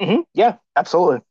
Yeah, absolutely.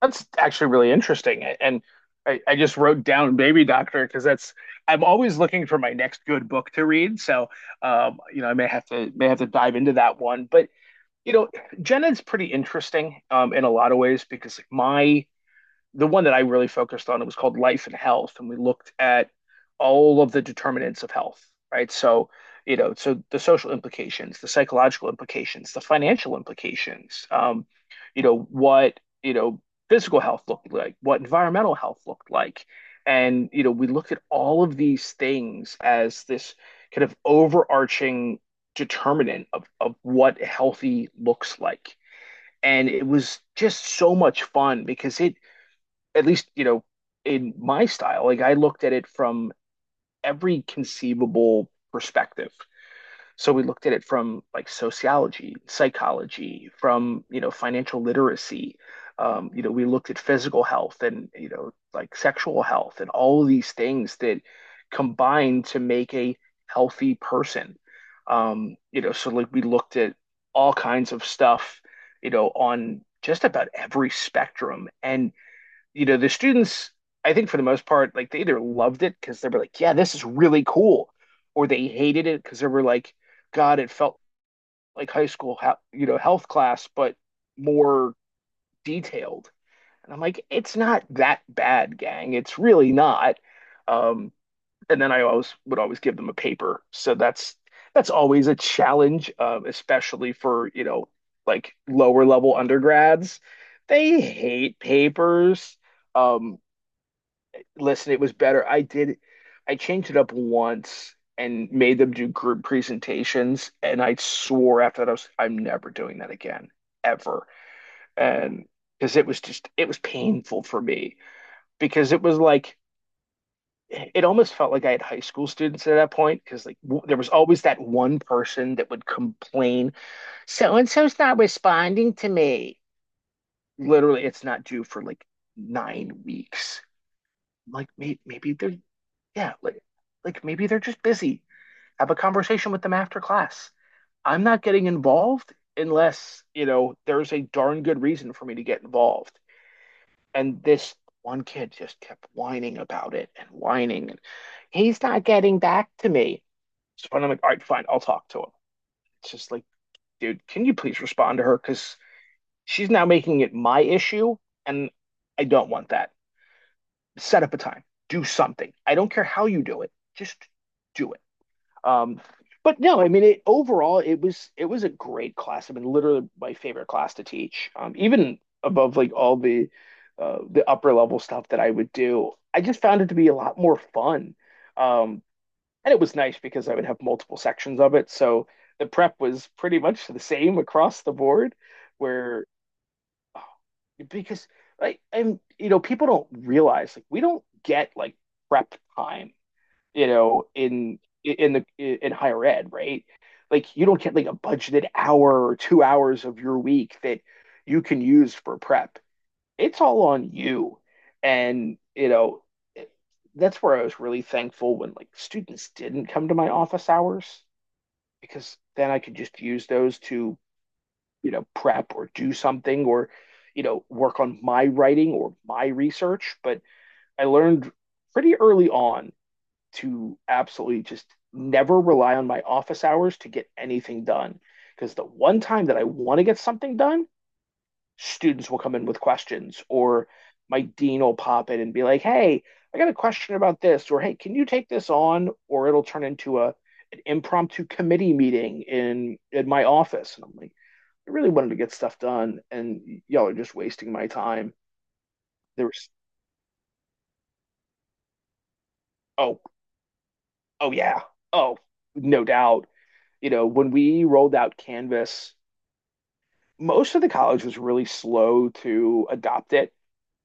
That's actually really interesting. And I just wrote down Baby Doctor because that's I'm always looking for my next good book to read. So you know, I may have to dive into that one. But you know, Jenna's pretty interesting in a lot of ways because like my the one that I really focused on, it was called Life and Health, and we looked at all of the determinants of health, right? So, you know, so the social implications, the psychological implications, the financial implications, you know, what, you know, physical health looked like, what environmental health looked like. And, you know, we looked at all of these things as this kind of overarching determinant of what healthy looks like. And it was just so much fun because it, at least you know, in my style, like I looked at it from every conceivable perspective. So we looked at it from like sociology, psychology, from you know financial literacy, you know, we looked at physical health and you know like sexual health and all of these things that combine to make a healthy person. You know, so like we looked at all kinds of stuff, you know, on just about every spectrum. And you know, the students, I think for the most part, like they either loved it because they were like, yeah, this is really cool, or they hated it because they were like, God, it felt like high school, you know, health class, but more detailed. And I'm like, it's not that bad, gang. It's really not. Um, and then I always would always give them a paper. So that's always a challenge, especially for, you know, like lower level undergrads. They hate papers. Um, listen, it was better. I changed it up once and made them do group presentations, and I swore after that I'm never doing that again, ever. And because it was just, it was painful for me because it was like, it almost felt like I had high school students at that point because like w there was always that one person that would complain, so and so's not responding to me. Literally, it's not due for like 9 weeks. Like maybe, maybe they're Yeah, like maybe they're just busy. Have a conversation with them after class. I'm not getting involved unless, you know, there's a darn good reason for me to get involved. And this one kid just kept whining about it and whining and he's not getting back to me. So I'm like, all right, fine, I'll talk to him. It's just like, dude, can you please respond to her? Because she's now making it my issue, and I don't want that. Set up a time, do something. I don't care how you do it, just do it. Um, but no, I mean, overall, it was a great class. I mean, literally my favorite class to teach. Even above like all the upper level stuff that I would do, I just found it to be a lot more fun. Um, and it was nice because I would have multiple sections of it, so the prep was pretty much the same across the board. Where because like I'm, you know, people don't realize like we don't get like prep time, you know, in higher ed, right? Like you don't get like a budgeted hour or 2 hours of your week that you can use for prep. It's all on you. And, you know, it- that's where I was really thankful when like students didn't come to my office hours, because then I could just use those to, you know, prep or do something or, you know, work on my writing or my research. But I learned pretty early on to absolutely just never rely on my office hours to get anything done. Because the one time that I want to get something done, students will come in with questions, or my dean will pop in and be like, hey, I got a question about this, or hey, can you take this on? Or it'll turn into a an impromptu committee meeting in my office. And I'm like, I really wanted to get stuff done, and y'all are just wasting my time. There was oh, oh yeah, oh, no doubt. You know, when we rolled out Canvas, most of the college was really slow to adopt it.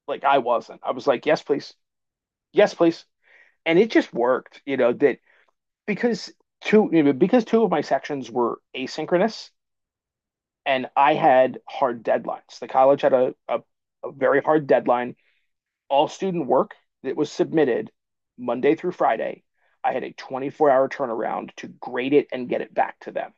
Like I wasn't. I was like, yes, please, yes, please, and it just worked. You know that because two of my sections were asynchronous, and I had hard deadlines. The college had a very hard deadline. All student work that was submitted Monday through Friday, I had a 24-hour turnaround to grade it and get it back to them.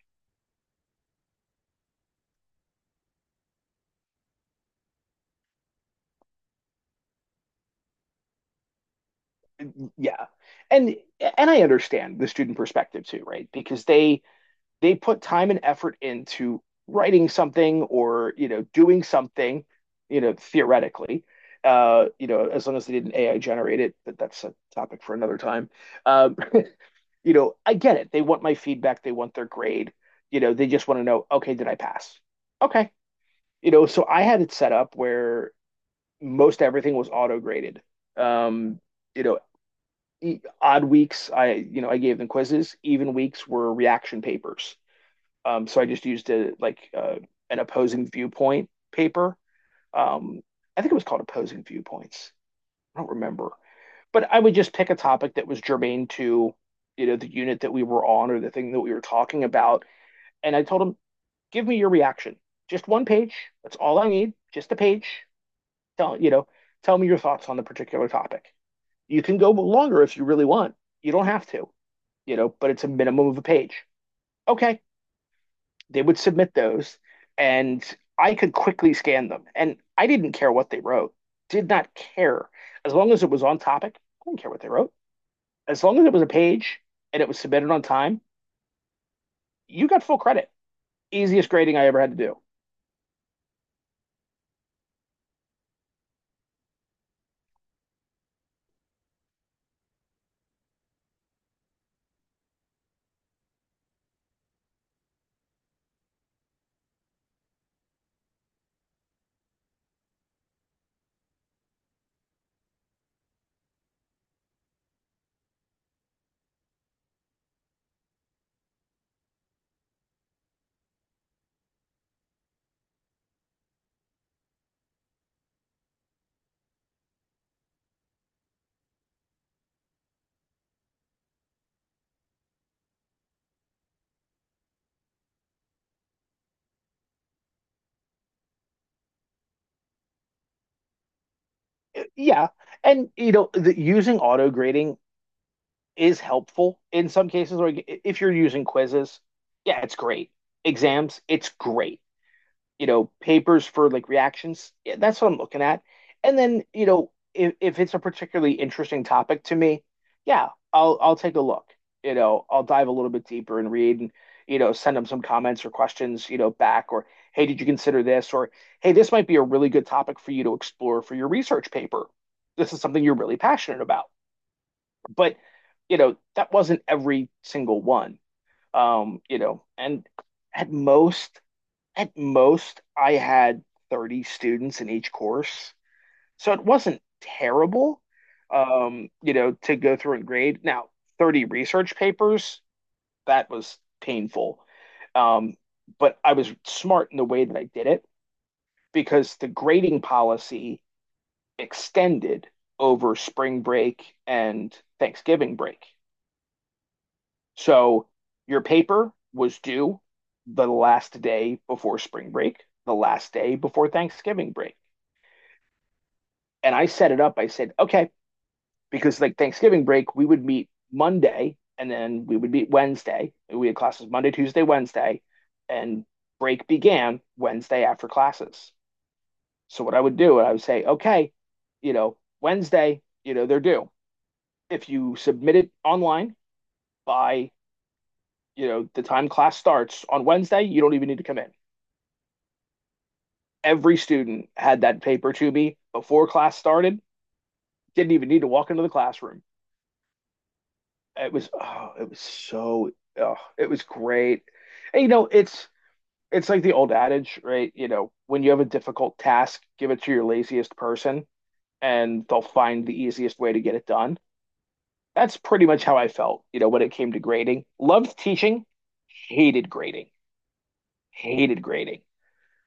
Yeah, and I understand the student perspective too, right? Because they put time and effort into writing something, or you know, doing something, you know, theoretically, you know, as long as they didn't AI generate it, but that's a topic for another time. um you know, I get it, they want my feedback, they want their grade. You know, they just want to know, okay, did I pass? Okay. You know, so I had it set up where most everything was auto graded. um you know, odd weeks I, you know, I gave them quizzes, even weeks were reaction papers. So I just used a, like an opposing viewpoint paper. Um, I think it was called opposing viewpoints. I don't remember, but I would just pick a topic that was germane to, you know, the unit that we were on or the thing that we were talking about, and I told them, give me your reaction, just one page. That's all I need, just a page. Tell, you know, tell me your thoughts on the particular topic. You can go longer if you really want. You don't have to, you know, but it's a minimum of a page. Okay, they would submit those, and I could quickly scan them. And I didn't care what they wrote, did not care. As long as it was on topic, I didn't care what they wrote. As long as it was a page and it was submitted on time, you got full credit. Easiest grading I ever had to do. Yeah. And, you know, using auto grading is helpful in some cases. Like if you're using quizzes, yeah, it's great. Exams, it's great. You know, papers for like reactions. Yeah, that's what I'm looking at. And then, you know, if it's a particularly interesting topic to me, yeah, I'll take a look. You know, I'll dive a little bit deeper and read and, you know, send them some comments or questions, you know, back. Or hey, did you consider this? Or hey, this might be a really good topic for you to explore for your research paper. This is something you're really passionate about. But, you know, that wasn't every single one. You know, and at most at most I had 30 students in each course. So it wasn't terrible, you know, to go through and grade. Now, 30 research papers, that was painful. Um, but I was smart in the way that I did it because the grading policy extended over spring break and Thanksgiving break. So your paper was due the last day before spring break, the last day before Thanksgiving break. And I set it up. I said, okay, because like Thanksgiving break, we would meet Monday and then we would meet Wednesday. We had classes Monday, Tuesday, Wednesday, and break began Wednesday after classes. So what I would do, I would say, okay, you know, Wednesday, you know, they're due. If you submit it online by, you know, the time class starts on Wednesday, you don't even need to come in. Every student had that paper to me before class started. Didn't even need to walk into the classroom. It was oh, it was great. And you know, it's like the old adage, right? You know, when you have a difficult task, give it to your laziest person and they'll find the easiest way to get it done. That's pretty much how I felt, you know, when it came to grading. Loved teaching, hated grading, hated grading.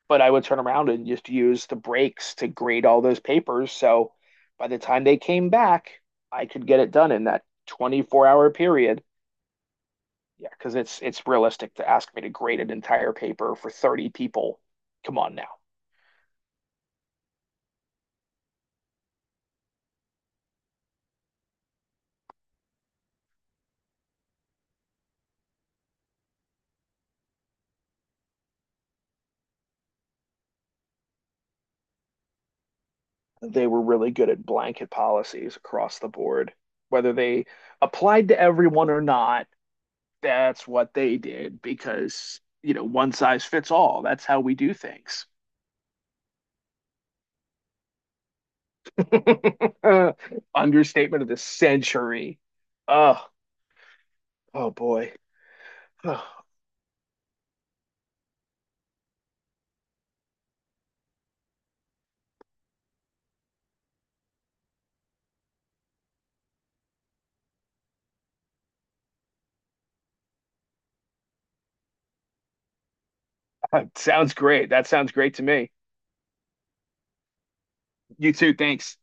But I would turn around and just use the breaks to grade all those papers. So by the time they came back, I could get it done in that 24-hour period. Yeah, because it's realistic to ask me to grade an entire paper for 30 people. Come on now. They were really good at blanket policies across the board. Whether they applied to everyone or not, that's what they did because, you know, one size fits all. That's how we do things. Understatement of the century. Oh, oh boy. Oh, sounds great. That sounds great to me. You too. Thanks.